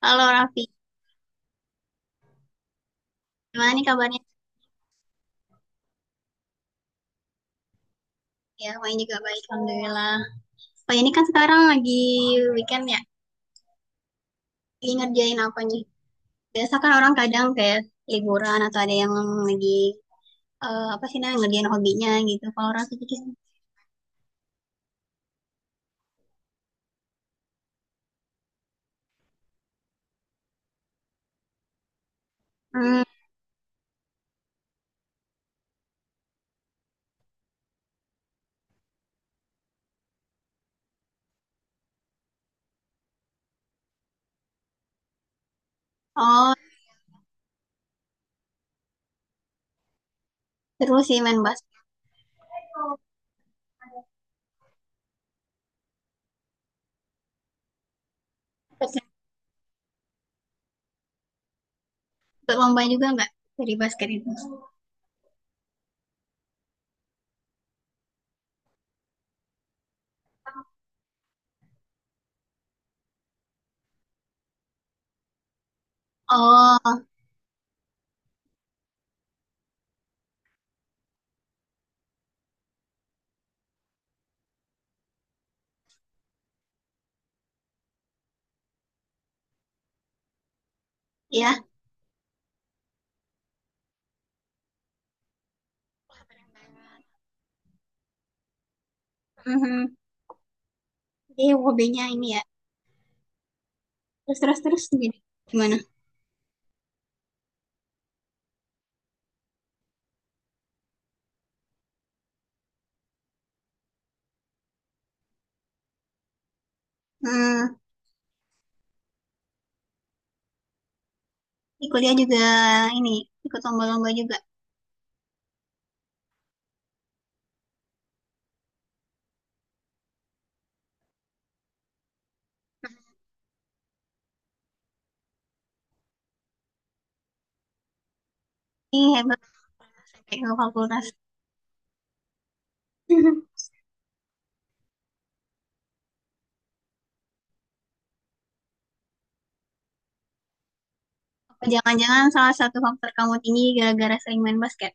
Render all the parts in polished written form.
Halo Raffi, gimana nih kabarnya? Ya, Wahyu juga baik, Alhamdulillah. Wah, ini kan sekarang lagi weekend ya, lagi ngerjain apanya? Biasa kan orang kadang kayak liburan atau ada yang lagi, apa sih namanya, ngerjain hobinya gitu. Kalau Raffi gitu, hmm, oh, seru sih main basket. Ikut ikut lomba juga nggak dari basket itu? Oh, ya. Mhm. Jadi hobinya ini ya, terus-terus-terus jadi gimana? Hmm, di kuliah juga ini, ikut lomba-lomba juga. Ih, hebat sampai ke fakultas. Apa jangan-jangan salah satu faktor kamu tinggi gara-gara sering main basket?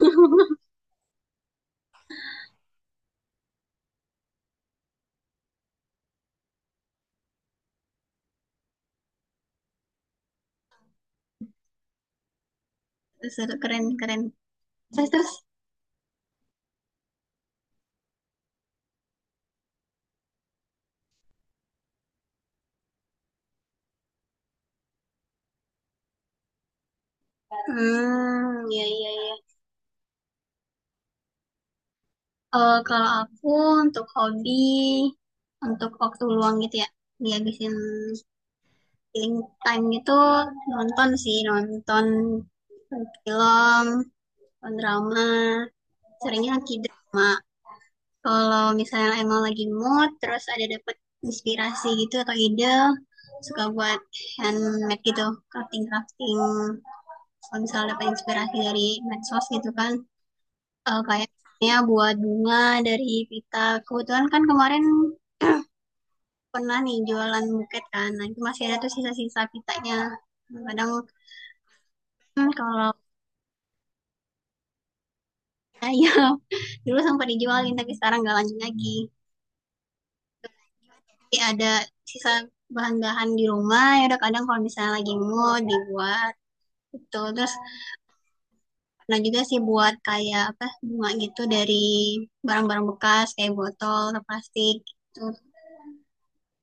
Terus, terus, keren, keren. Terus, terus. Hmm, iya, iya, iya. Kalau aku untuk hobi, untuk waktu luang gitu ya, dihabisin killing time gitu, nonton sih, nonton film, nonton drama, seringnya K-drama. Kalau misalnya emang lagi mood, terus ada dapet inspirasi gitu atau ide, suka buat handmade gitu, crafting crafting. Kalau misalnya dapat inspirasi dari medsos gitu kan, kayaknya buat bunga dari pita. Kebetulan kan kemarin pernah nih jualan buket kan, nah itu masih ada tuh sisa-sisa pitanya. Kadang kalau saya dulu sempat dijualin tapi sekarang nggak lanjut lagi. Ada sisa bahan-bahan di rumah, ya udah, kadang kalau misalnya lagi mood dibuat itu. Terus pernah juga sih buat kayak apa bunga gitu dari barang-barang bekas kayak botol atau plastik gitu.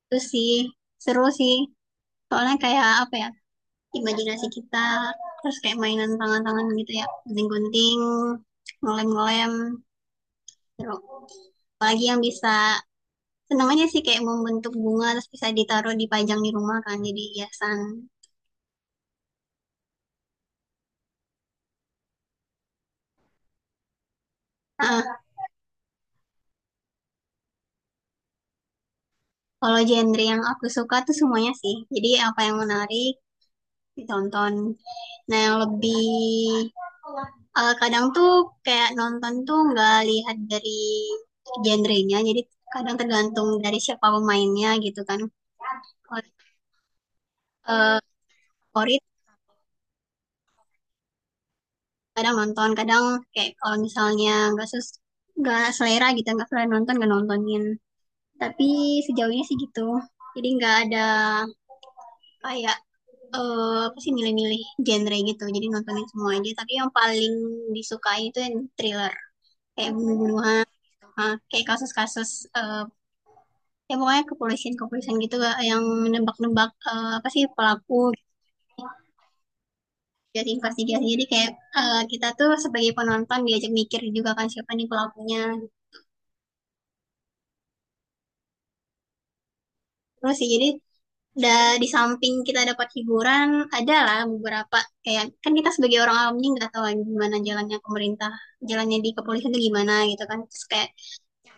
Itu sih seru sih, soalnya kayak apa ya, imajinasi kita, terus kayak mainan tangan-tangan gitu ya, gunting-gunting, ngelem-ngelem, seru. Apalagi yang bisa, seneng aja sih kayak membentuk bunga terus bisa ditaruh dipajang di rumah, kan jadi hiasan. Ah, kalau genre yang aku suka tuh semuanya sih. Jadi apa yang menarik ditonton. Nah yang lebih kadang tuh kayak nonton tuh nggak lihat dari genrenya. Jadi kadang tergantung dari siapa pemainnya gitu kan. Kalau, eh, favorit kadang nonton, kadang kayak kalau misalnya nggak selera gitu, nggak selera nonton nggak nontonin. Tapi sejauhnya sih gitu. Jadi nggak ada kayak apa sih milih-milih genre gitu jadi nontonin semua aja tapi yang paling disukai itu yang thriller kayak bunuh-bunuhan. Ah, kayak kasus-kasus, eh ya pokoknya kepolisian-kepolisian gitu, yang nebak-nebak, apa sih pelaku. Jadi investigasi, jadi kayak kita tuh sebagai penonton diajak mikir juga kan, siapa nih pelakunya. Terus sih jadi da, di samping kita dapat hiburan, adalah beberapa kayak kan kita sebagai orang awam ini nggak tahu gimana jalannya pemerintah, jalannya di kepolisian itu gimana gitu kan, terus kayak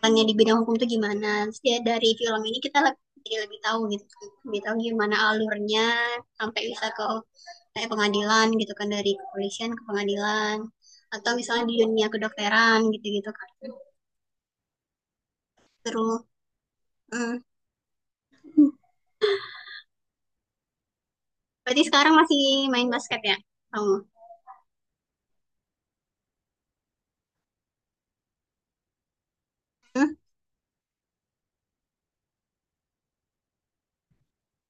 jalannya di bidang hukum itu gimana. Terus ya, dari film ini kita lebih, jadi lebih tahu gitu kan. Lebih tahu gimana alurnya sampai bisa ke kayak pengadilan gitu kan, dari kepolisian ke pengadilan atau misalnya di dunia kedokteran gitu-gitu kan. Terus, hmm. Berarti sekarang masih main basket ya kamu? Hmm?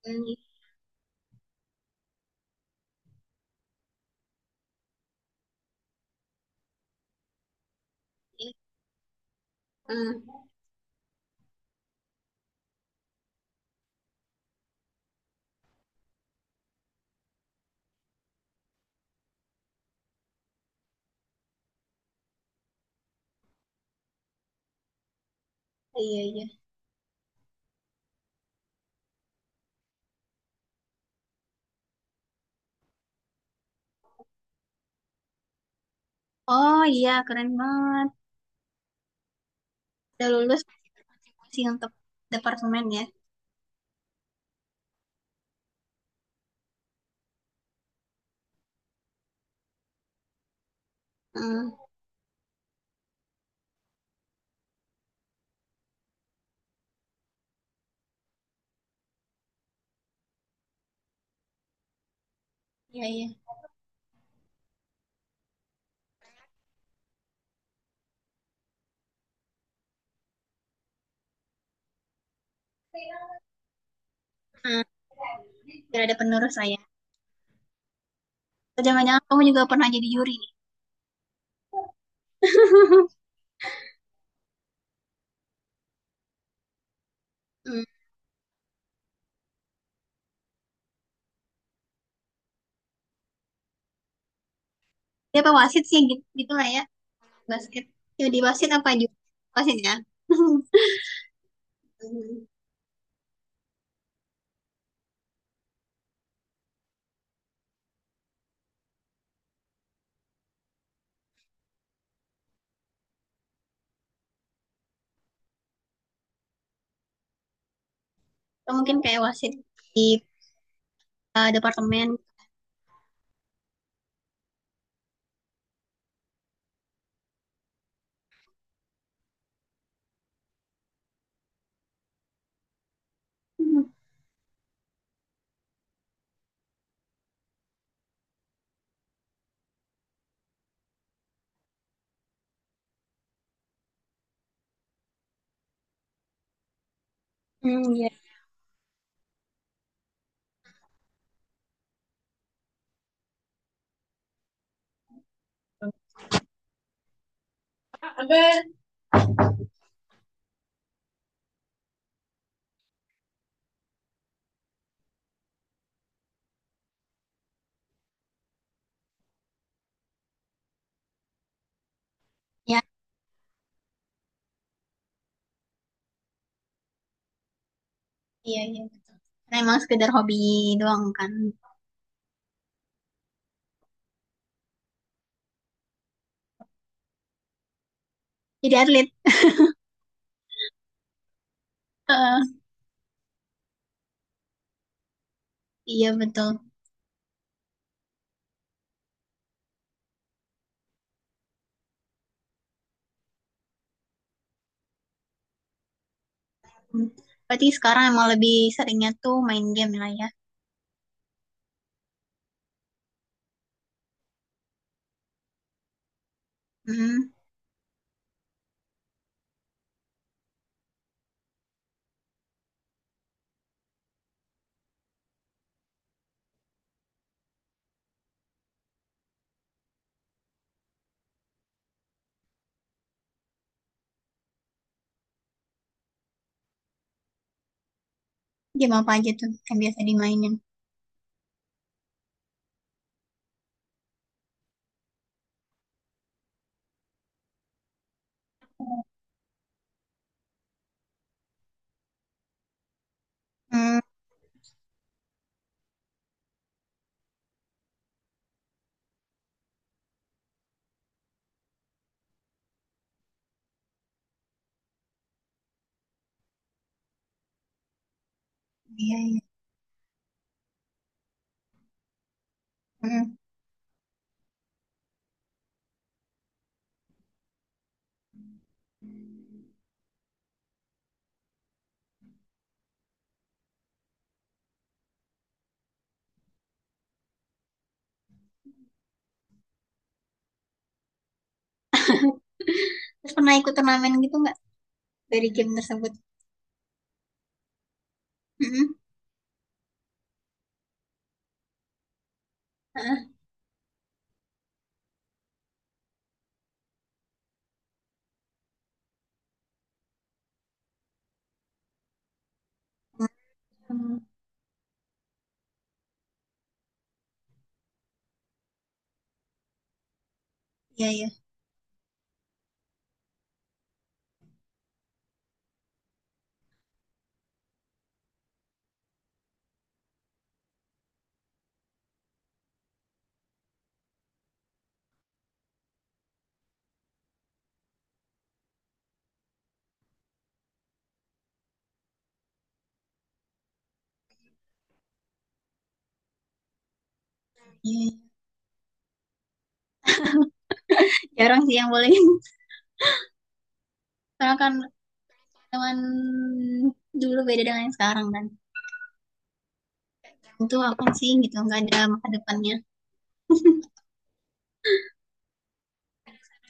Hmm. Hmm. Iya, iya. Oh iya, keren banget. Udah lulus sih untuk departemen ya. Hmm, iya, iya. Hmm, tidak ada penerus saya. Atau jangan-jangan kamu juga pernah jadi juri nih. Hmm. Ya apa wasit sih gitu, gitu lah ya. Basket. Jadi wasit apa juri? Wasit ya. Hmm. Atau mungkin kayak wasit di departemen. Hmm, hmm, iya. Apa? Ya, iya, iya. Betul. Karena emang sekedar hobi doang kan. Jadi atlet. Eh, iya betul. Hmm. Berarti sekarang emang lebih seringnya tuh main game lah ya. Hmm. Game apa aja tuh yang biasa dimainin? Hmm. Iya, iya. Hmm. Terus pernah ikut turnamen gitu nggak dari game tersebut? Hmm. Heeh. Hmm. Iya, iya. Iya, iya. Jarang sih yang boleh. Karena kan teman dulu beda dengan yang sekarang kan. Itu apa sih gitu, nggak ada masa depannya.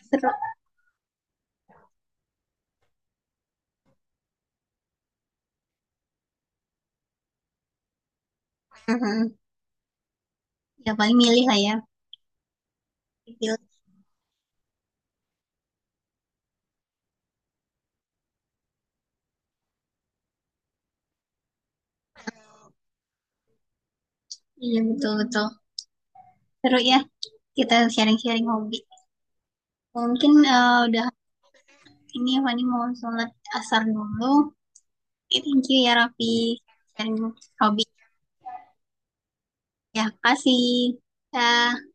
Seru. Hmm. Ya paling milih lah ya. Iya, betul-betul. Seru ya, kita sharing-sharing hobi. Mungkin udah. Ini Fani mau sholat asar dulu. Oke, thank you ya Raffi. Sharing hobi. Ya, kasih. Ya.